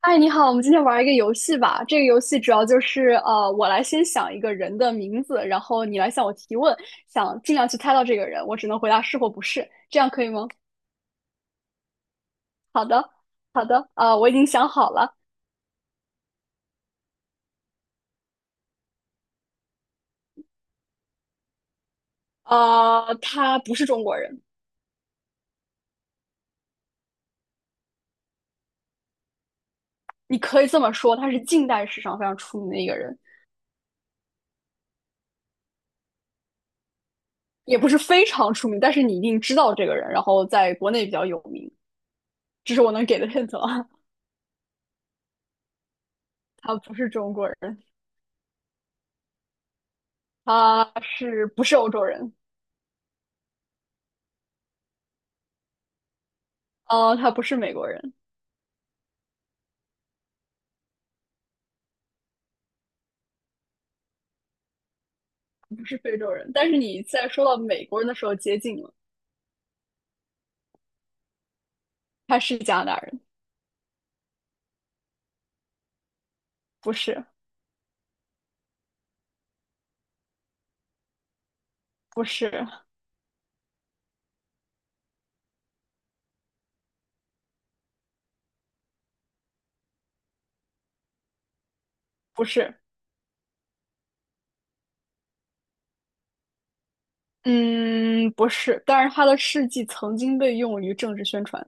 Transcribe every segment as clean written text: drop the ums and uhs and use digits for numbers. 哎，你好，我们今天玩一个游戏吧。这个游戏主要就是我来先想一个人的名字，然后你来向我提问，想尽量去猜到这个人，我只能回答是或不是，这样可以吗？好的，好的，我已经想好了。他不是中国人。你可以这么说，他是近代史上非常出名的一个人，也不是非常出名，但是你一定知道这个人，然后在国内比较有名。这是我能给的 h i 啊。他不是中国人，他是不是欧洲人？他不是美国人。不是非洲人，但是你在说到美国人的时候接近了，他是加拿大人。不是，不是，不是。嗯，不是。但是他的事迹曾经被用于政治宣传，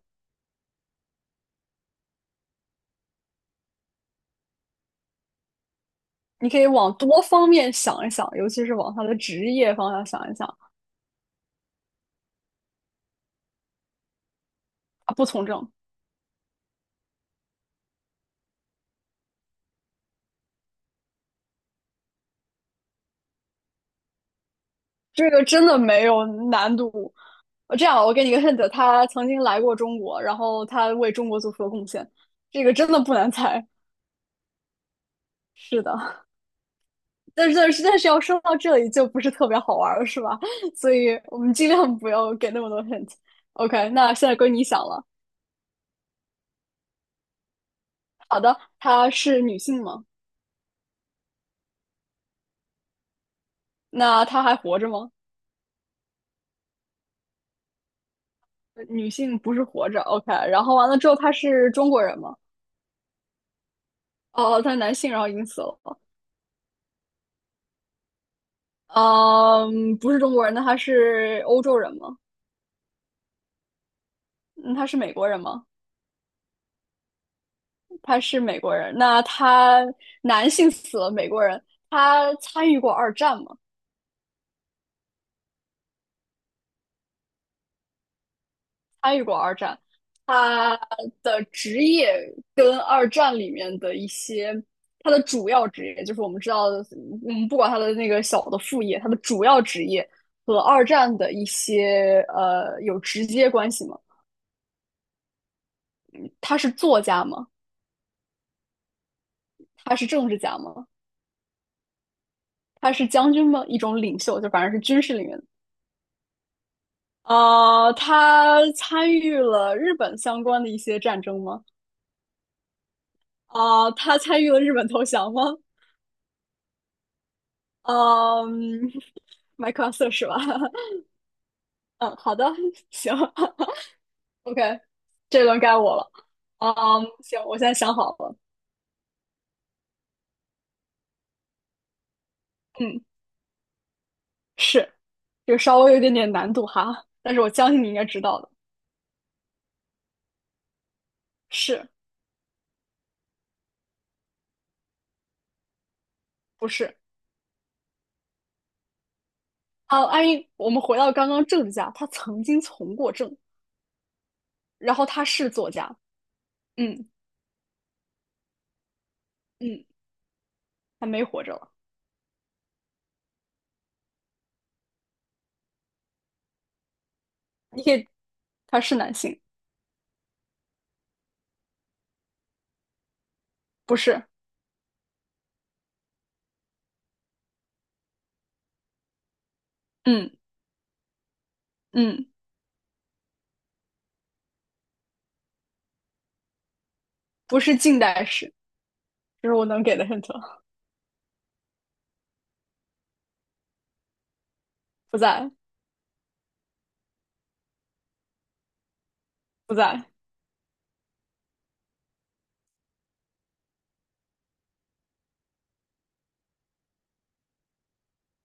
你可以往多方面想一想，尤其是往他的职业方向想一想。他不从政。这个真的没有难度。我这样，我给你个 hint，他曾经来过中国，然后他为中国做出了贡献，这个真的不难猜。是的，但是要说到这里就不是特别好玩了，是吧？所以我们尽量不要给那么多 hint。OK，那现在归你想了。好的，她是女性吗？那她还活着吗？女性不是活着。OK，然后完了之后她是中国人吗？哦，她是男性，然后已经死了。嗯，不是中国人，那她是欧洲人吗？嗯，她是美国人吗？她是美国人。那她男性死了，美国人，她参与过二战吗？参与过二战，他的职业跟二战里面的一些，他的主要职业就是我们知道的。嗯，不管他的那个小的副业，他的主要职业和二战的一些有直接关系吗？他是作家吗？他是政治家吗？他是将军吗？一种领袖，就反正是军事里面啊。他参与了日本相关的一些战争吗？啊、他参与了日本投降吗？嗯，麦克 c r f 是吧？嗯，好的。行。 ，OK,这轮该我了。嗯，行，我现在想好了。嗯，是。就稍微有一点点难度哈，但是我相信你应该知道的。是不是？啊，安逸，我们回到刚刚政治家，他曾经从过政，然后他是作家。嗯。嗯，他没活着了。你可以，他是男性。不是？嗯。嗯，不是近代史，这是我能给的 hint。不在。不在。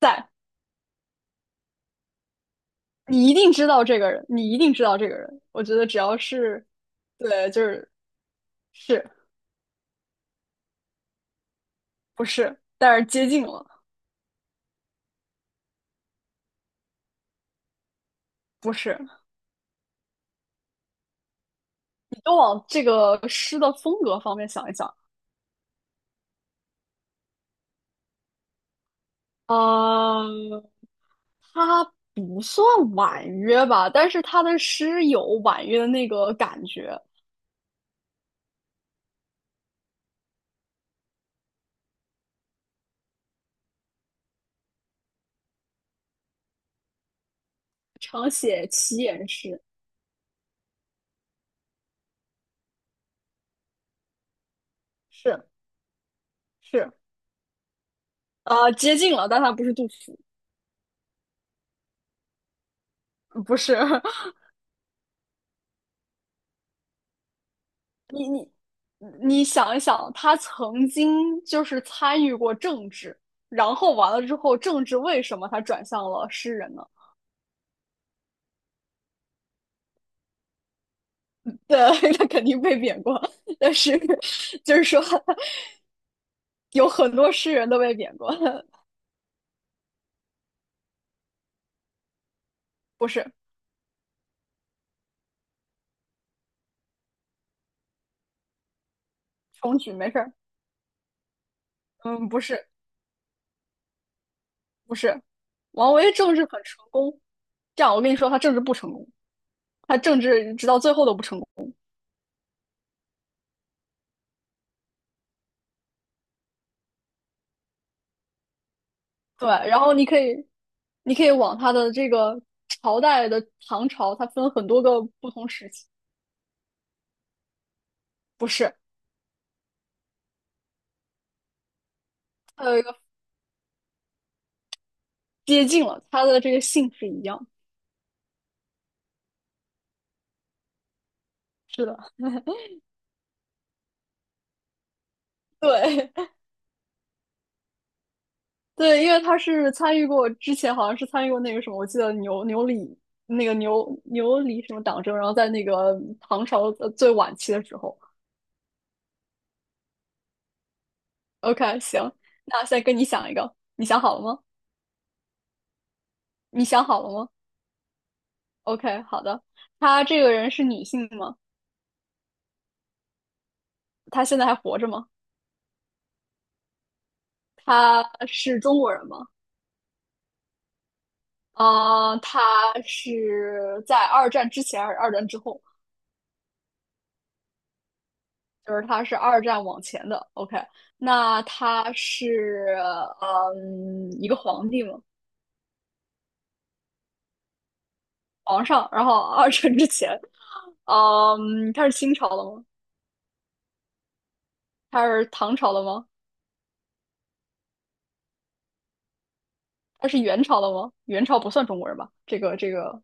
在。你一定知道这个人，你一定知道这个人。我觉得只要是，对，就是是。不是，但是接近了。不是。你都往这个诗的风格方面想一想。嗯，他不算婉约吧，但是他的诗有婉约的那个感觉。常写齐言诗。是。是，呃，接近了，但他不是杜甫。不是。你你想一想，他曾经就是参与过政治，然后完了之后，政治为什么他转向了诗人呢？对，他肯定被贬过，但是就是说，有很多诗人都被贬过。不是。重举，没事儿。嗯，不是。不是，王维政治很成功，这样我跟你说，他政治不成功，他政治直到最后都不成功。对，然后你可以，你可以往它的这个朝代的唐朝，它分很多个不同时期。不是。它有一个接近了，它的这个姓是一样。是的。对 对，因为他是参与过之前好像是参与过那个什么，我记得牛李那个牛李什么党争，然后在那个唐朝最晚期的时候。OK,行，那现在跟你想一个，你想好了吗？你想好了吗？OK,好的。他这个人是女性吗？他现在还活着吗？他是中国人吗？啊，他是在二战之前还是二战之后？就是他是二战往前的。OK,那他是一个皇帝吗？皇上。然后二战之前，嗯，他是清朝的吗？他是唐朝的吗？他是元朝的吗？元朝不算中国人吧？这个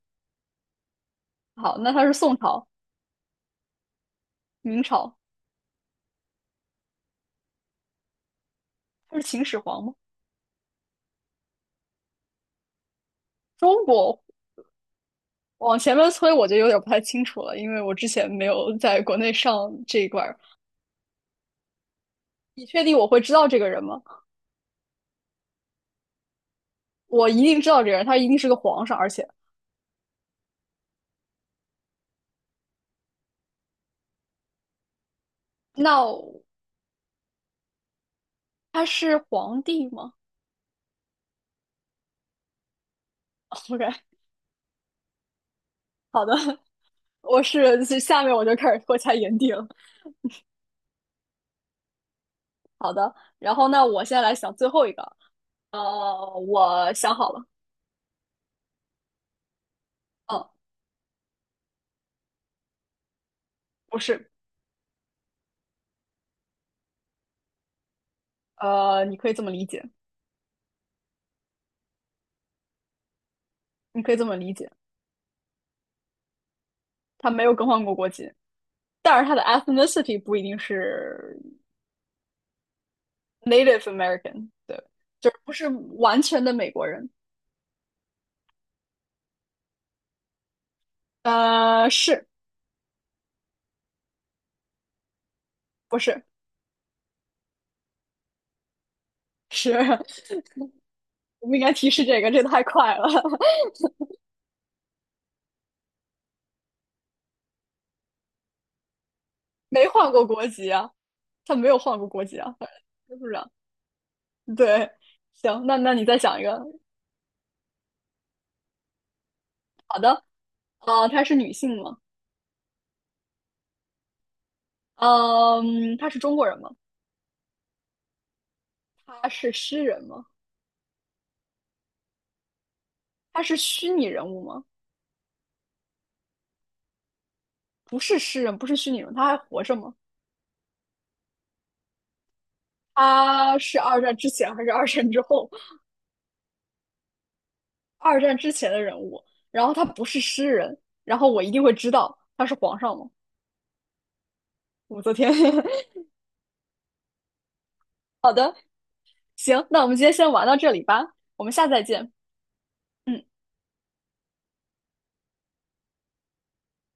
好，那他是宋朝、明朝，他是秦始皇吗？中国往前面推我就有点不太清楚了，因为我之前没有在国内上这一块。你确定我会知道这个人吗？我一定知道这个人，他一定是个皇上，而且那他是皇帝吗？OK。好的，我是下面我就开始脱下眼镜。好的，然后那我现在来想最后一个。我想好了。嗯，不是。你可以这么理解。你可以这么理解，他没有更换过国籍，但是他的 ethnicity 不一定是 Native American,对，就是不是完全的美国人。是。不是？是，我们应该提示这个，这太快了。没换过国籍啊，他没有换过国籍啊，是不是啊？对，行，那那你再想一个。好的。啊，她是女性吗？嗯，她是中国人吗？她是诗人吗？她是虚拟人物吗？不是诗人，不是虚拟人物，她还活着吗？她是二战之前还是二战之后？二战之前的人物，然后他不是诗人，然后我一定会知道他是皇上吗？武则天。好的，行，那我们今天先玩到这里吧，我们下次再见。嗯。